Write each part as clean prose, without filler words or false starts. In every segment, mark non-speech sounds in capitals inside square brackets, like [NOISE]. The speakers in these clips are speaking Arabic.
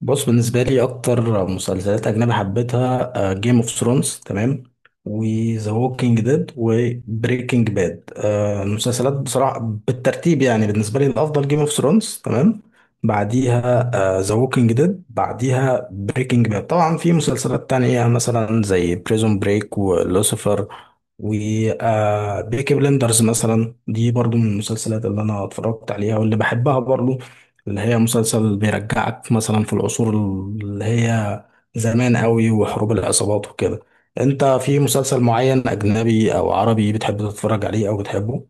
بص، بالنسبة لي أكتر مسلسلات أجنبي حبيتها جيم اوف ثرونز، تمام، وذا ووكينج ديد وبريكنج باد. المسلسلات بصراحة بالترتيب يعني بالنسبة لي الأفضل جيم اوف ثرونز، تمام، بعديها ذا ووكينج ديد، بعديها بريكنج باد. طبعا في مسلسلات تانية مثلا زي بريزون بريك ولوسيفر وبيكي بلندرز مثلا، دي برضو من المسلسلات اللي أنا اتفرجت عليها واللي بحبها برضو، اللي هي مسلسل بيرجعك مثلا في العصور اللي هي زمان قوي، وحروب العصابات وكده. انت في مسلسل معين اجنبي او عربي بتحب تتفرج عليه او بتحبه؟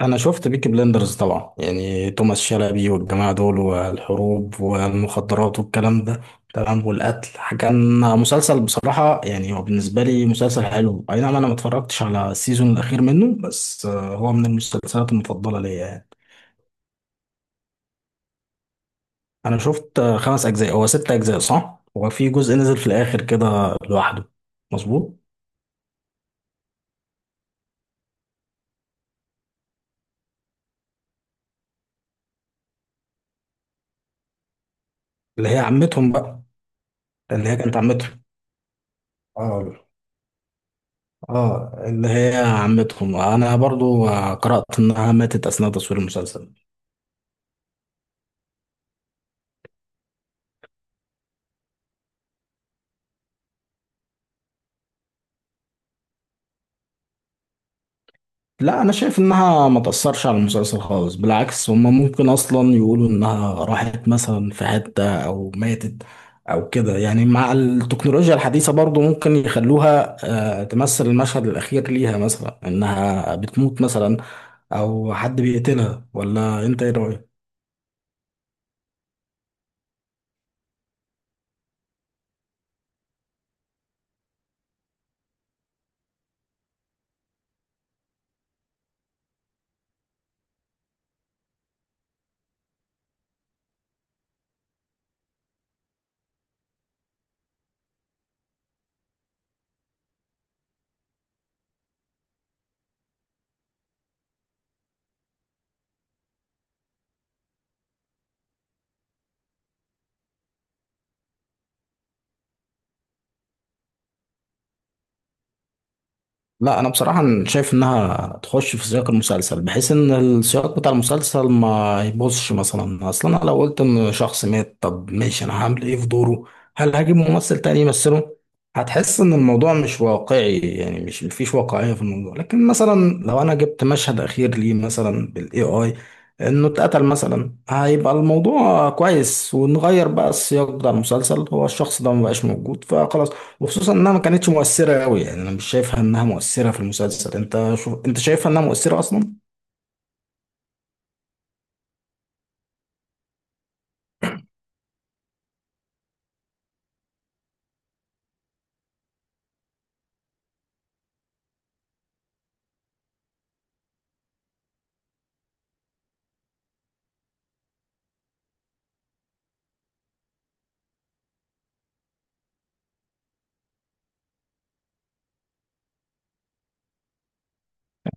انا شفت بيكي بلندرز طبعا، يعني توماس شلبي والجماعة دول والحروب والمخدرات والكلام ده، تمام، والقتل. كان مسلسل بصراحة، يعني هو بالنسبة لي مسلسل حلو، اي نعم انا ما اتفرجتش على السيزون الاخير منه، بس هو من المسلسلات المفضلة ليا يعني. انا شفت خمس اجزاء، هو ست اجزاء صح، هو في جزء نزل في الاخر كده لوحده. مظبوط. اللي هي عمتهم بقى. اللي هي كانت عمتهم. اه. اه، اللي هي عمتهم. انا برضو قرأت انها ماتت اثناء تصوير المسلسل. لا، انا شايف انها ما تأثرش على المسلسل خالص، بالعكس، هما ممكن اصلا يقولوا انها راحت مثلا في حتة او ماتت او كده، يعني مع التكنولوجيا الحديثة برضو ممكن يخلوها تمثل المشهد الاخير ليها، مثلا انها بتموت مثلا او حد بيقتلها. ولا انت ايه رأيك؟ لا انا بصراحه شايف انها تخش في سياق المسلسل، بحيث ان السياق بتاع المسلسل ما يبوظش. مثلا اصلا انا لو قلت ان شخص مات، طب ماشي، انا هعمل ايه في دوره؟ هل هجيب ممثل تاني يمثله؟ هتحس ان الموضوع مش واقعي، يعني مش مفيش واقعيه في الموضوع. لكن مثلا لو انا جبت مشهد اخير ليه، مثلا بالاي اي، انه اتقتل مثلا، هيبقى الموضوع كويس، ونغير بقى السياق بتاع المسلسل هو الشخص ده مبقاش موجود فخلاص. وخصوصا انها ما كانتش مؤثرة قوي يعني، انا مش شايفها انها مؤثرة في المسلسل. انت شوف، انت شايفها انها مؤثرة اصلا؟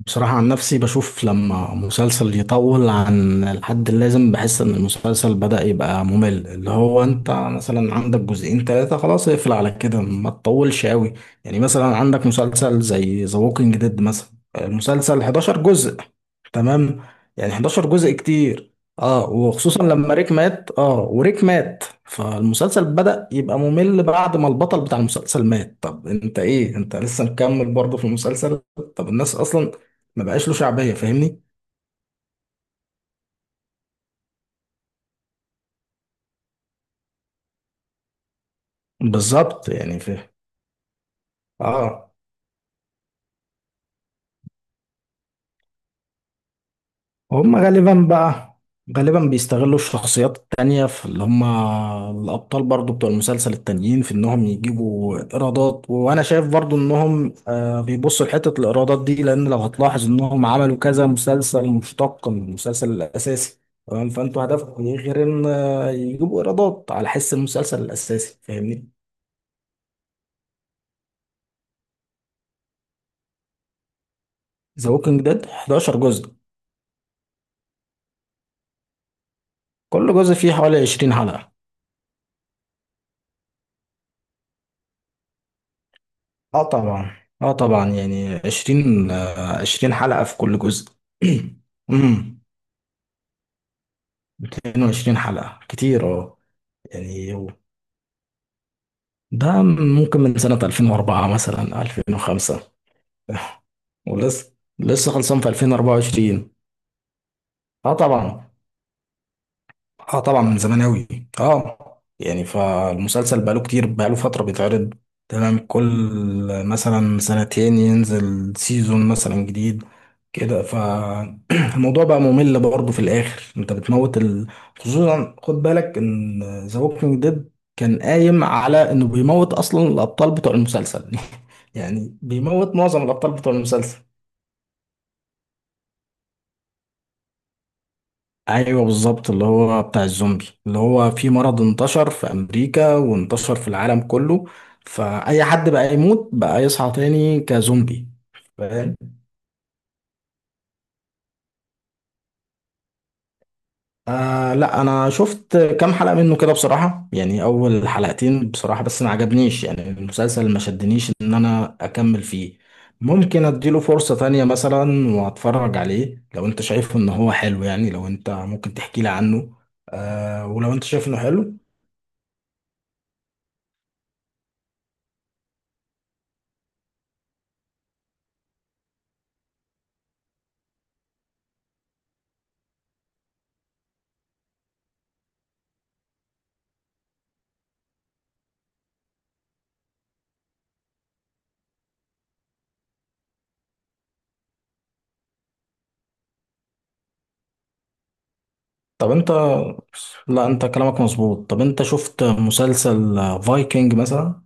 بصراحة عن نفسي بشوف لما مسلسل يطول عن الحد اللازم بحس إن المسلسل بدأ يبقى ممل. اللي هو أنت مثلا عندك جزئين تلاتة، خلاص اقفل على كده، ما تطولش أوي. يعني مثلا عندك مسلسل زي ذا ووكينج ديد مثلا، المسلسل 11 جزء، تمام، يعني 11 جزء كتير. اه، وخصوصا لما ريك مات، اه، وريك مات فالمسلسل بدأ يبقى ممل، بعد ما البطل بتاع المسلسل مات، طب انت ايه، انت لسه مكمل برضه في المسلسل؟ طب الناس اصلا ما بقاش له شعبية، فاهمني؟ بالظبط، يعني فاهم. اه، هم غالبا بقى، غالبا بيستغلوا الشخصيات التانية في اللي هم الأبطال برضو بتوع المسلسل التانيين في إنهم يجيبوا إيرادات. وأنا شايف برضو إنهم بيبصوا لحتة الإيرادات دي، لأن لو هتلاحظ إنهم عملوا كذا مسلسل مشتق من المسلسل الأساسي، تمام، فأنتوا هدفكم إيه غير إن يجيبوا إيرادات على حس المسلسل الأساسي، فاهمني؟ ذا ووكينج ديد 11 جزء. كل جزء فيه حوالي 20 حلقة. اه طبعا. اه طبعا، يعني عشرين، عشرين حلقة في كل جزء. [CLEARS THROAT] امم 220 حلقة كتير، اه. يعني ده ممكن من سنة 2004 مثلا، 2005. [LAUGHS] ولسه، خلصان في 2024. اه طبعا. اه طبعا، من زمان اوي. اه، يعني فالمسلسل بقاله فترة بيتعرض، تمام، كل مثلا سنتين ينزل سيزون مثلا جديد كده. فالموضوع [CLEARS THROAT] بقى ممل برضه في الاخر، انت بتموت ال... خصوصا خد بالك ان ذا ووكينج ديد كان قايم على انه بيموت اصلا الابطال بتوع المسلسل، [LAUGHS] يعني بيموت معظم الابطال بتوع المسلسل. ايوه بالظبط، اللي هو بتاع الزومبي، اللي هو في مرض انتشر في امريكا وانتشر في العالم كله، فاي حد بقى يموت بقى يصحى تاني كزومبي، فاهم. آه لا، انا شفت كام حلقة منه كده بصراحة، يعني اول حلقتين بصراحة بس، ما عجبنيش، يعني المسلسل ما شدنيش ان انا اكمل فيه. ممكن اديله فرصة تانية مثلا واتفرج عليه لو انت شايف ان هو حلو، يعني لو انت ممكن تحكي لي عنه آه، ولو انت شايف انه حلو. طب انت لا، انت كلامك مظبوط. طب انت شفت مسلسل فايكنج مثلا؟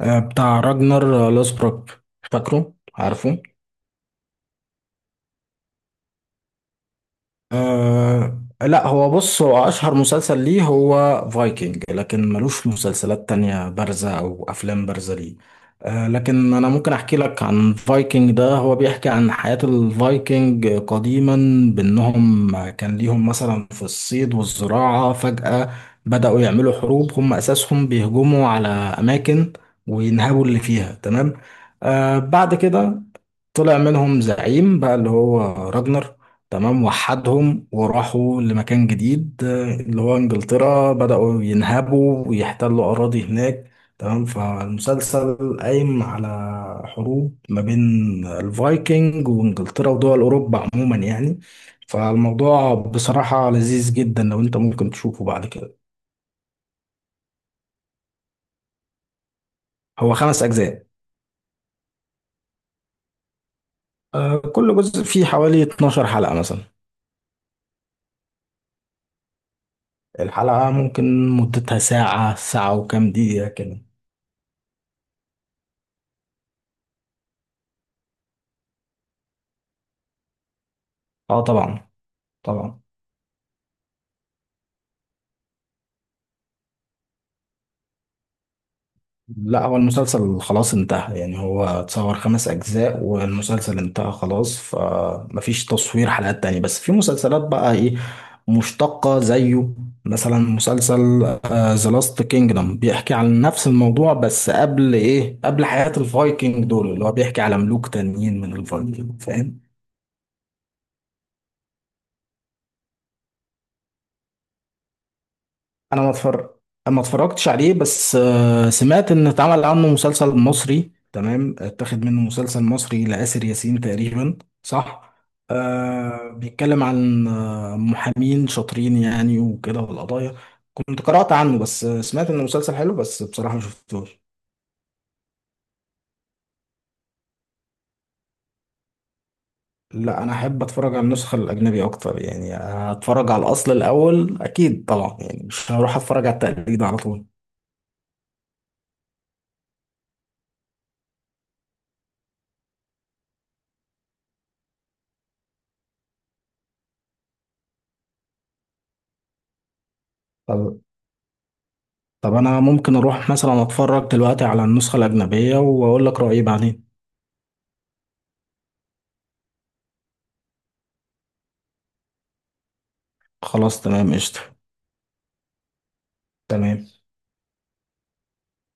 بتاع راجنر لوسبروك، فاكره، عارفه؟ أه لا، هو بص، هو أشهر مسلسل ليه هو فايكنج، لكن ملوش مسلسلات تانية بارزة أو أفلام بارزة ليه. أه، لكن أنا ممكن أحكي لك عن فايكنج ده. هو بيحكي عن حياة الفايكنج قديما، بأنهم كان ليهم مثلا في الصيد والزراعة، فجأة بدأوا يعملوا حروب، هم أساسهم بيهجموا على أماكن وينهبوا اللي فيها، تمام. أه، بعد كده طلع منهم زعيم بقى اللي هو راجنر، تمام، وحدهم وراحوا لمكان جديد اللي هو انجلترا، بدأوا ينهبوا ويحتلوا أراضي هناك، تمام. فالمسلسل قايم على حروب ما بين الفايكنج وانجلترا ودول أوروبا عموما يعني. فالموضوع بصراحة لذيذ جدا، لو انت ممكن تشوفه بعد كده. هو خمس أجزاء. كل جزء فيه حوالي 12 حلقة مثلا. الحلقة ممكن مدتها ساعة، ساعة وكام دقيقة كده. اه طبعا. طبعا. لا، هو المسلسل خلاص انتهى يعني، هو اتصور خمس أجزاء والمسلسل انتهى خلاص، فمفيش تصوير حلقات تانية. بس في مسلسلات بقى ايه، مشتقة زيه، مثلا مسلسل ذا لاست كينجدم، بيحكي عن نفس الموضوع، بس قبل ايه، قبل حياة الفايكنج دول، اللي هو بيحكي على ملوك تانيين من الفايكنج، فاهم. انا ما اتفرج ما اتفرجتش عليه، بس سمعت ان اتعمل عنه مسلسل مصري، تمام، اتاخد منه مسلسل مصري لآسر ياسين تقريبا، صح. آه، بيتكلم عن محامين شاطرين يعني وكده، والقضايا. كنت قرأت عنه بس، سمعت انه مسلسل حلو، بس بصراحة ما شفتوش. لا، انا احب اتفرج على النسخة الأجنبي اكتر يعني، اتفرج على الأصل الأول اكيد طبعا، يعني مش هروح اتفرج على التقليد على طول. طب طب انا ممكن اروح مثلا اتفرج دلوقتي على النسخة الأجنبية واقول لك رأيي بعدين. خلاص تمام، قشطة. تمام.